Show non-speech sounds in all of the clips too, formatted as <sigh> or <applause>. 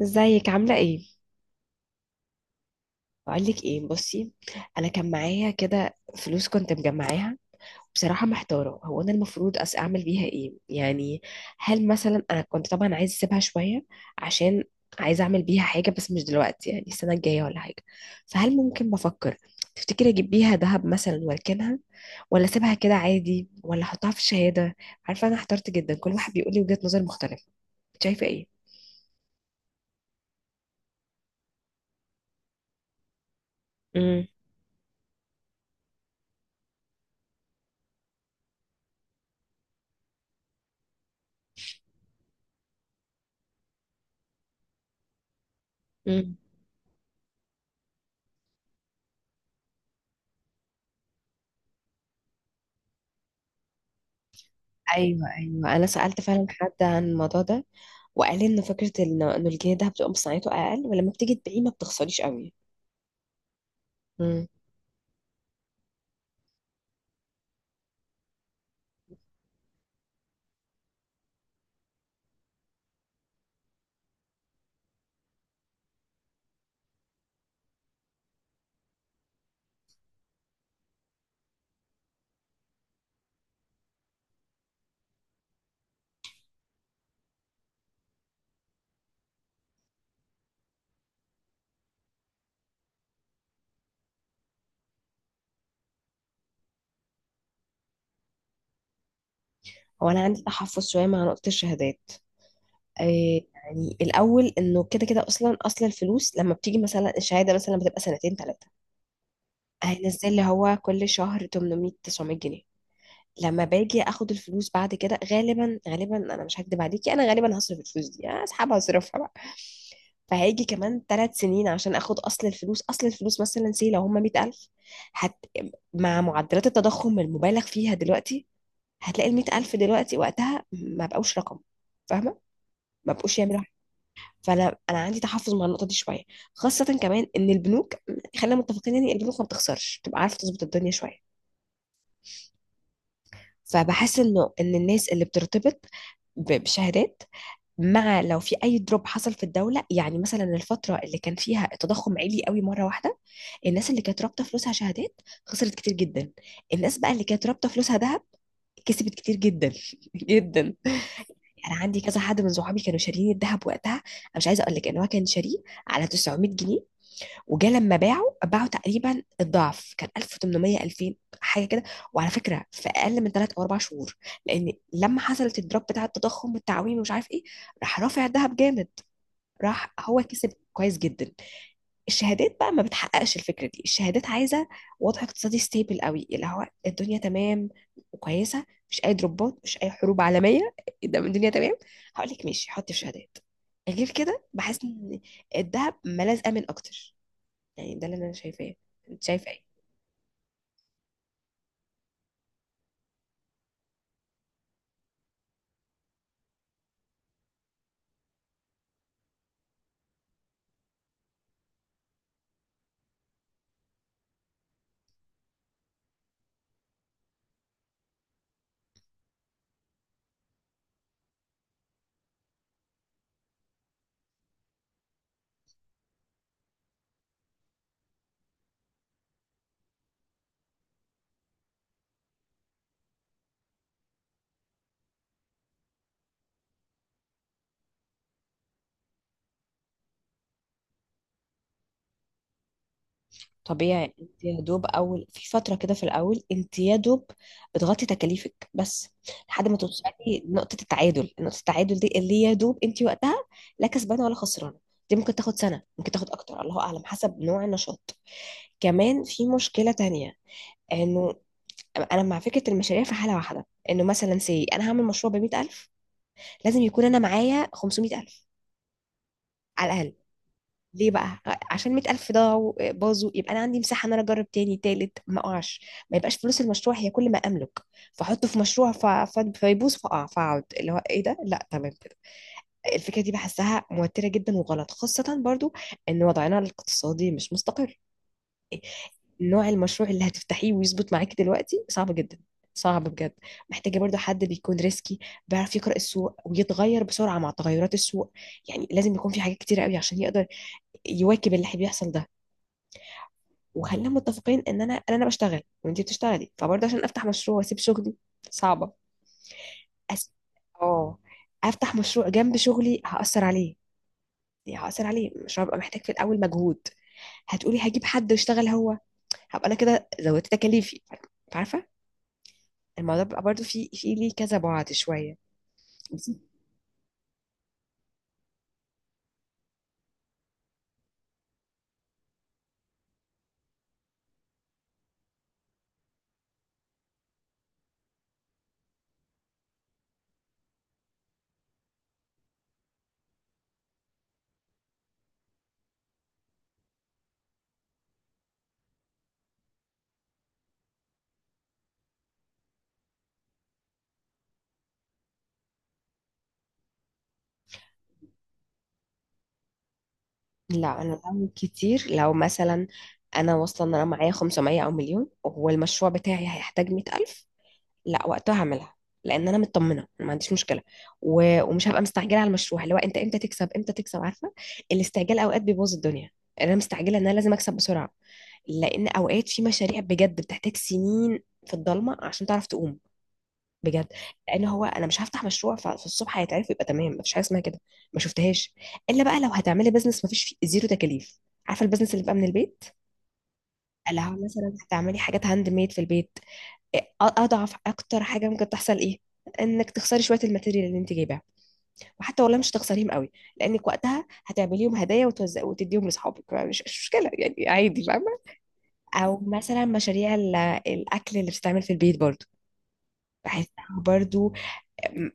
ازيك عاملة ايه؟ بقولك ايه، بصي. انا كان معايا كده فلوس كنت مجمعاها. بصراحة محتارة، هو انا المفروض اعمل بيها ايه؟ يعني هل مثلا انا كنت طبعا عايزة اسيبها شوية، عشان عايزة اعمل بيها حاجة بس مش دلوقتي، يعني السنة الجاية ولا حاجة. فهل ممكن، بفكر تفتكري اجيب بيها ذهب مثلا واركنها، ولا اسيبها كده عادي، ولا احطها في شهادة؟ عارفة انا احترت جدا، كل واحد بيقول لي وجهة نظر مختلفة. شايفة ايه؟ امم ايوه ايوه، انا سالت فعلا حد عن الموضوع ده، وقال لي ان فكره إنه الجنيه ده بتبقى مصنعيته اقل، ولما بتيجي تبيعيه ما بتخسريش قوي. امم هو انا عندي تحفظ شويه مع نقطه الشهادات. إيه يعني الاول، انه كده كده اصلا اصل الفلوس، لما بتيجي مثلا الشهاده مثلا بتبقى سنتين ثلاثه، هينزل لي هو كل شهر 800 900 جنيه. لما باجي اخد الفلوس بعد كده، غالبا غالبا انا مش هكدب عليكي، انا غالبا هصرف الفلوس دي، اسحبها اصرفها بقى. فهيجي كمان 3 سنين عشان اخد اصل الفلوس، مثلا سي لو هم 100000. هت... مع معدلات التضخم المبالغ فيها دلوقتي، هتلاقي ال 100000 دلوقتي وقتها ما بقوش رقم. فاهمه؟ ما بقوش يعملوا حاجة. فانا عندي تحفظ مع النقطه دي شويه. خاصه كمان ان البنوك، خلينا متفقين، يعني البنوك ما بتخسرش، تبقى عارفه تظبط الدنيا شويه. فبحس انه ان الناس اللي بترتبط بشهادات، مع لو في اي دروب حصل في الدوله، يعني مثلا الفتره اللي كان فيها التضخم عالي قوي مره واحده، الناس اللي كانت رابطه فلوسها شهادات خسرت كتير جدا. الناس بقى اللي كانت رابطه فلوسها ذهب كسبت كتير جدا <laughs> جدا. انا عندي كذا حد من صحابي كانوا شاريين الذهب وقتها، انا مش عايزه اقول لك ان هو كان شاريه على 900 جنيه، وجا لما باعوا تقريبا الضعف، كان 1800 2000، حاجه كده. وعلى فكره في اقل من 3 او 4 شهور، لان لما حصلت الدروب بتاع التضخم والتعويم ومش عارف ايه، راح رافع الذهب جامد، راح هو كسب كويس جدا. الشهادات بقى ما بتحققش الفكره دي. الشهادات عايزه وضع اقتصادي ستيبل قوي، اللي هو الدنيا تمام وكويسه، مش اي دروبات، مش اي حروب عالميه <laughs> ده من الدنيا تمام هقول لك ماشي حطي في شهادات. غير كده بحس ان الذهب ملاذ امن اكتر، يعني ده اللي انا شايفاه. انت شايفه ايه؟ طبيعي، انت يا دوب اول في فتره كده، في الاول انت يا دوب بتغطي تكاليفك بس لحد ما توصلي نقطه التعادل. دي اللي يا دوب انت وقتها لا كسبانه ولا خسرانه. دي ممكن تاخد سنه، ممكن تاخد اكتر، الله اعلم حسب نوع النشاط. كمان في مشكله تانية، انه انا مع فكره المشاريع في حاله واحده، انه مثلا سي انا هعمل مشروع ب 100000، لازم يكون انا معايا 500000 على الاقل. ليه بقى؟ عشان 100000 ضاعوا باظوا يبقى انا عندي مساحه ان انا اجرب تاني تالت ما اقعش. ما يبقاش فلوس المشروع هي كل ما املك، فاحطه في مشروع فيبوظ فاقع فاقعد اللي هو ايه ده، لا تمام كده. الفكره دي بحسها موتره جدا وغلط، خاصه برضو ان وضعنا الاقتصادي مش مستقر. نوع المشروع اللي هتفتحيه ويظبط معاكي دلوقتي صعب جدا، صعب بجد. محتاجة برضو حد بيكون ريسكي، بيعرف يقرأ السوق ويتغير بسرعة مع تغيرات السوق. يعني لازم يكون في حاجات كتير قوي عشان يقدر يواكب اللي بيحصل ده. وخلينا متفقين ان انا انا أنا بشتغل وانتي بتشتغلي، فبرضه عشان افتح مشروع واسيب شغلي صعبه. أس... اه، افتح مشروع جنب شغلي هأثر عليه، يعني هأثر عليه، مش هبقى محتاج في الاول مجهود؟ هتقولي هجيب حد يشتغل هو، هبقى انا كده زودت تكاليفي، عارفه؟ الموضوع بيبقى برضه في ليه كذا بعد شويه. بس- لا، انا بعمل كتير لو مثلا انا واصله ان انا معايا 500 او مليون، والمشروع بتاعي هيحتاج 100000، لا وقتها هعملها، لان انا مطمنه أنا ما عنديش مشكله، ومش هبقى مستعجله على المشروع اللي هو انت امتى تكسب امتى تكسب، عارفه؟ الاستعجال اوقات بيبوظ الدنيا. انا مستعجله ان انا لازم اكسب بسرعه، لان اوقات في مشاريع بجد بتحتاج سنين في الضلمه عشان تعرف تقوم، بجد. لان هو انا مش هفتح مشروع ففي الصبح هيتعرف يبقى تمام، مفيش حاجه اسمها كده، ما شفتهاش. الا بقى لو هتعملي بزنس مفيش فيه زيرو تكاليف، عارفه البزنس اللي بقى من البيت. لو مثلا هتعملي حاجات هاند ميد في البيت، اضعف اكتر حاجه ممكن تحصل ايه؟ انك تخسري شويه الماتيريال اللي انت جايباها، وحتى والله مش هتخسريهم قوي، لانك وقتها هتعمليهم هدايا وتوزع وتديهم لاصحابك، مش مشكله يعني عادي، فاهمه؟ او مثلا مشاريع الاكل اللي بتتعمل في البيت برضو، بحسها برضو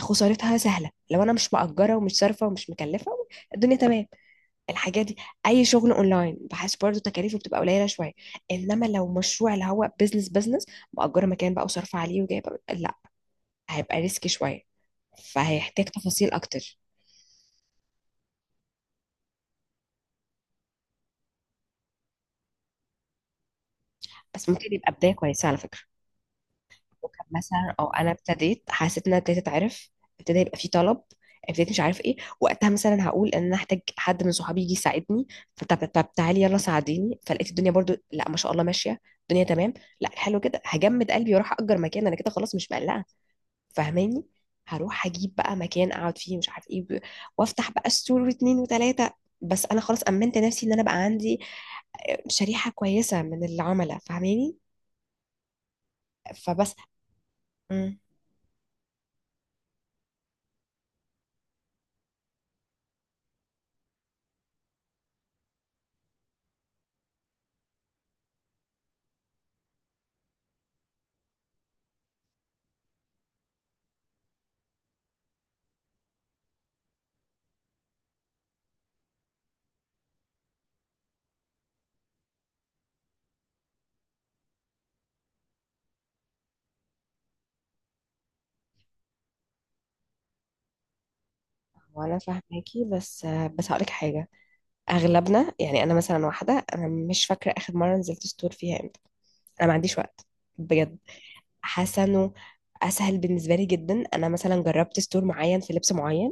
خسارتها سهله لو انا مش مأجره ومش صارفه ومش مكلفه، الدنيا تمام. الحاجات دي، اي شغل اونلاين بحس برضو تكاليفه بتبقى قليله شويه. انما لو مشروع اللي هو بيزنس بيزنس، مأجره مكان بقى وصارفه عليه وجايبه، لا هيبقى ريسكي شوية، فهيحتاج تفاصيل أكتر. بس ممكن يبقى بداية كويسة على فكرة. وكان مثلا، أو أنا ابتديت حسيت إن أنا ابتديت أتعرف، ابتدى يبقى في طلب، ابتديت مش عارف إيه، وقتها مثلا هقول إن أنا هحتاج حد من صحابي يجي يساعدني، فطب تعالي يلا ساعديني، فلقيت الدنيا برضو لا ما شاء الله ماشية الدنيا تمام، لا حلو كده، هجمد قلبي واروح أجر مكان، أنا كده خلاص مش مقلقة، فاهماني؟ هروح أجيب بقى مكان أقعد فيه مش عارف إيه، وافتح بقى ستور واتنين وتلاتة. بس انا خلاص امنت نفسي ان انا بقى عندي شريحة كويسة من العملاء، فاهماني؟ فبس. مم. وانا فاهماكي، بس هقولك حاجة. اغلبنا، يعني انا مثلا واحدة، انا مش فاكرة اخر مرة نزلت ستور فيها امتى، انا ما عنديش وقت، بجد. حاسة انه اسهل بالنسبة لي جدا، انا مثلا جربت ستور معين في لبس معين،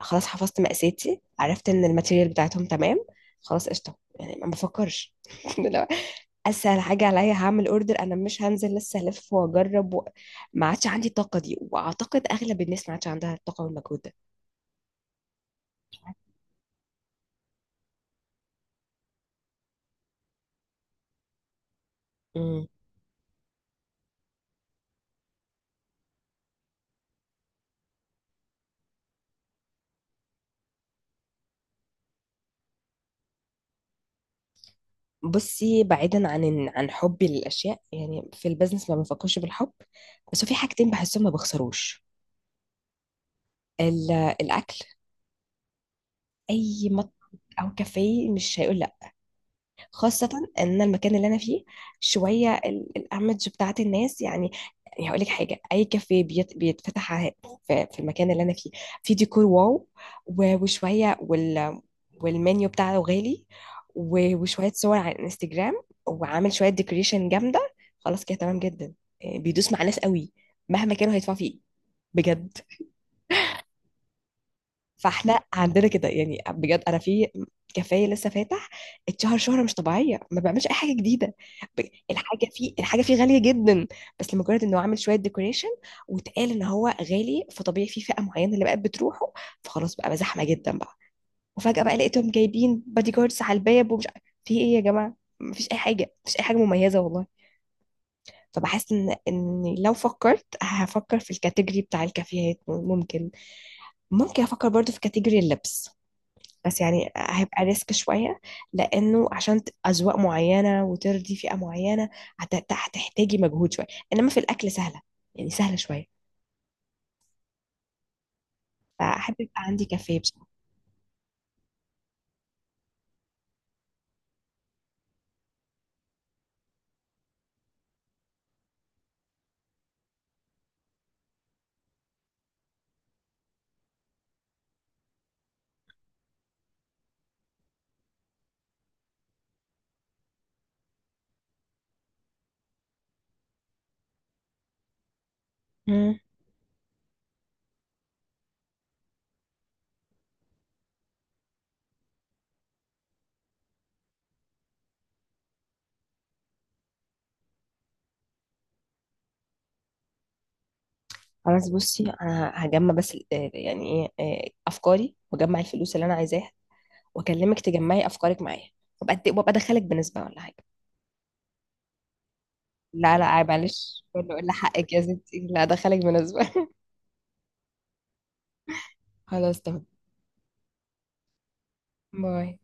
خلاص حفظت مقاساتي، عرفت ان الماتيريال بتاعتهم تمام، خلاص قشطة يعني ما بفكرش <laughs> اسهل حاجه عليا هعمل اوردر، انا مش هنزل لسه الف واجرب ما عادش عندي الطاقه دي، واعتقد اغلب الناس ما عادش عندها الطاقه والمجهود ده. مم. بصي، بعيدا عن عن حبي للاشياء، يعني في البيزنس ما بفكرش بالحب، بس في حاجتين بحسهم ما بخسروش. ال- الاكل، اي مطعم او كافيه مش هيقول، خاصة ان أنا المكان اللي انا فيه شوية الايمج بتاعت الناس، يعني. هقول لك حاجة، اي كافيه بيتفتح في المكان اللي انا فيه، في ديكور واو، وشوية والمنيو بتاعه غالي، وشوية صور على الانستجرام، وعامل شوية ديكوريشن جامدة، خلاص كده تمام جدا، إيه، بيدوس مع ناس قوي، مهما كانوا هيدفعوا فيه، بجد. فاحنا عندنا كده يعني، بجد، انا في كافيه لسه فاتح، اتشهر شهره مش طبيعيه، ما بعملش اي حاجه جديده. ب- الحاجه فيه غاليه جدا، بس لمجرد انه عامل شويه ديكوريشن واتقال ان هو غالي، فطبيعي في فئه معينه اللي بقت بتروحه، فخلاص بقى زحمه جدا بقى. وفجاه بقى لقيتهم جايبين بادي جاردز على الباب ومش في ايه يا جماعه؟ مفيش اي حاجه، مفيش اي حاجه مميزه والله. فبحس ان لو فكرت هفكر في الكاتيجوري بتاع الكافيهات، ممكن افكر برضو في كاتيجوري اللبس، بس يعني هيبقى ريسك شوية، لأنه عشان أذواق معينة وترضي فئة معينة، هتحتاجي مجهود شوية. إنما في الأكل سهلة، يعني سهلة شوية، فأحب يبقى عندي كافيه بصراحة. مم. خلاص بصي، أنا هجمع بس يعني إيه أفكاري، وأجمع الفلوس اللي أنا عايزاها، وأكلمك تجمعي أفكارك معايا، وأبقى أدخلك بنسبة ولا حاجة. لا لا، عيب معلش، كله إلا حقك يا ستي، لا أدخلك بنسبة <laughs> خلاص تمام. باي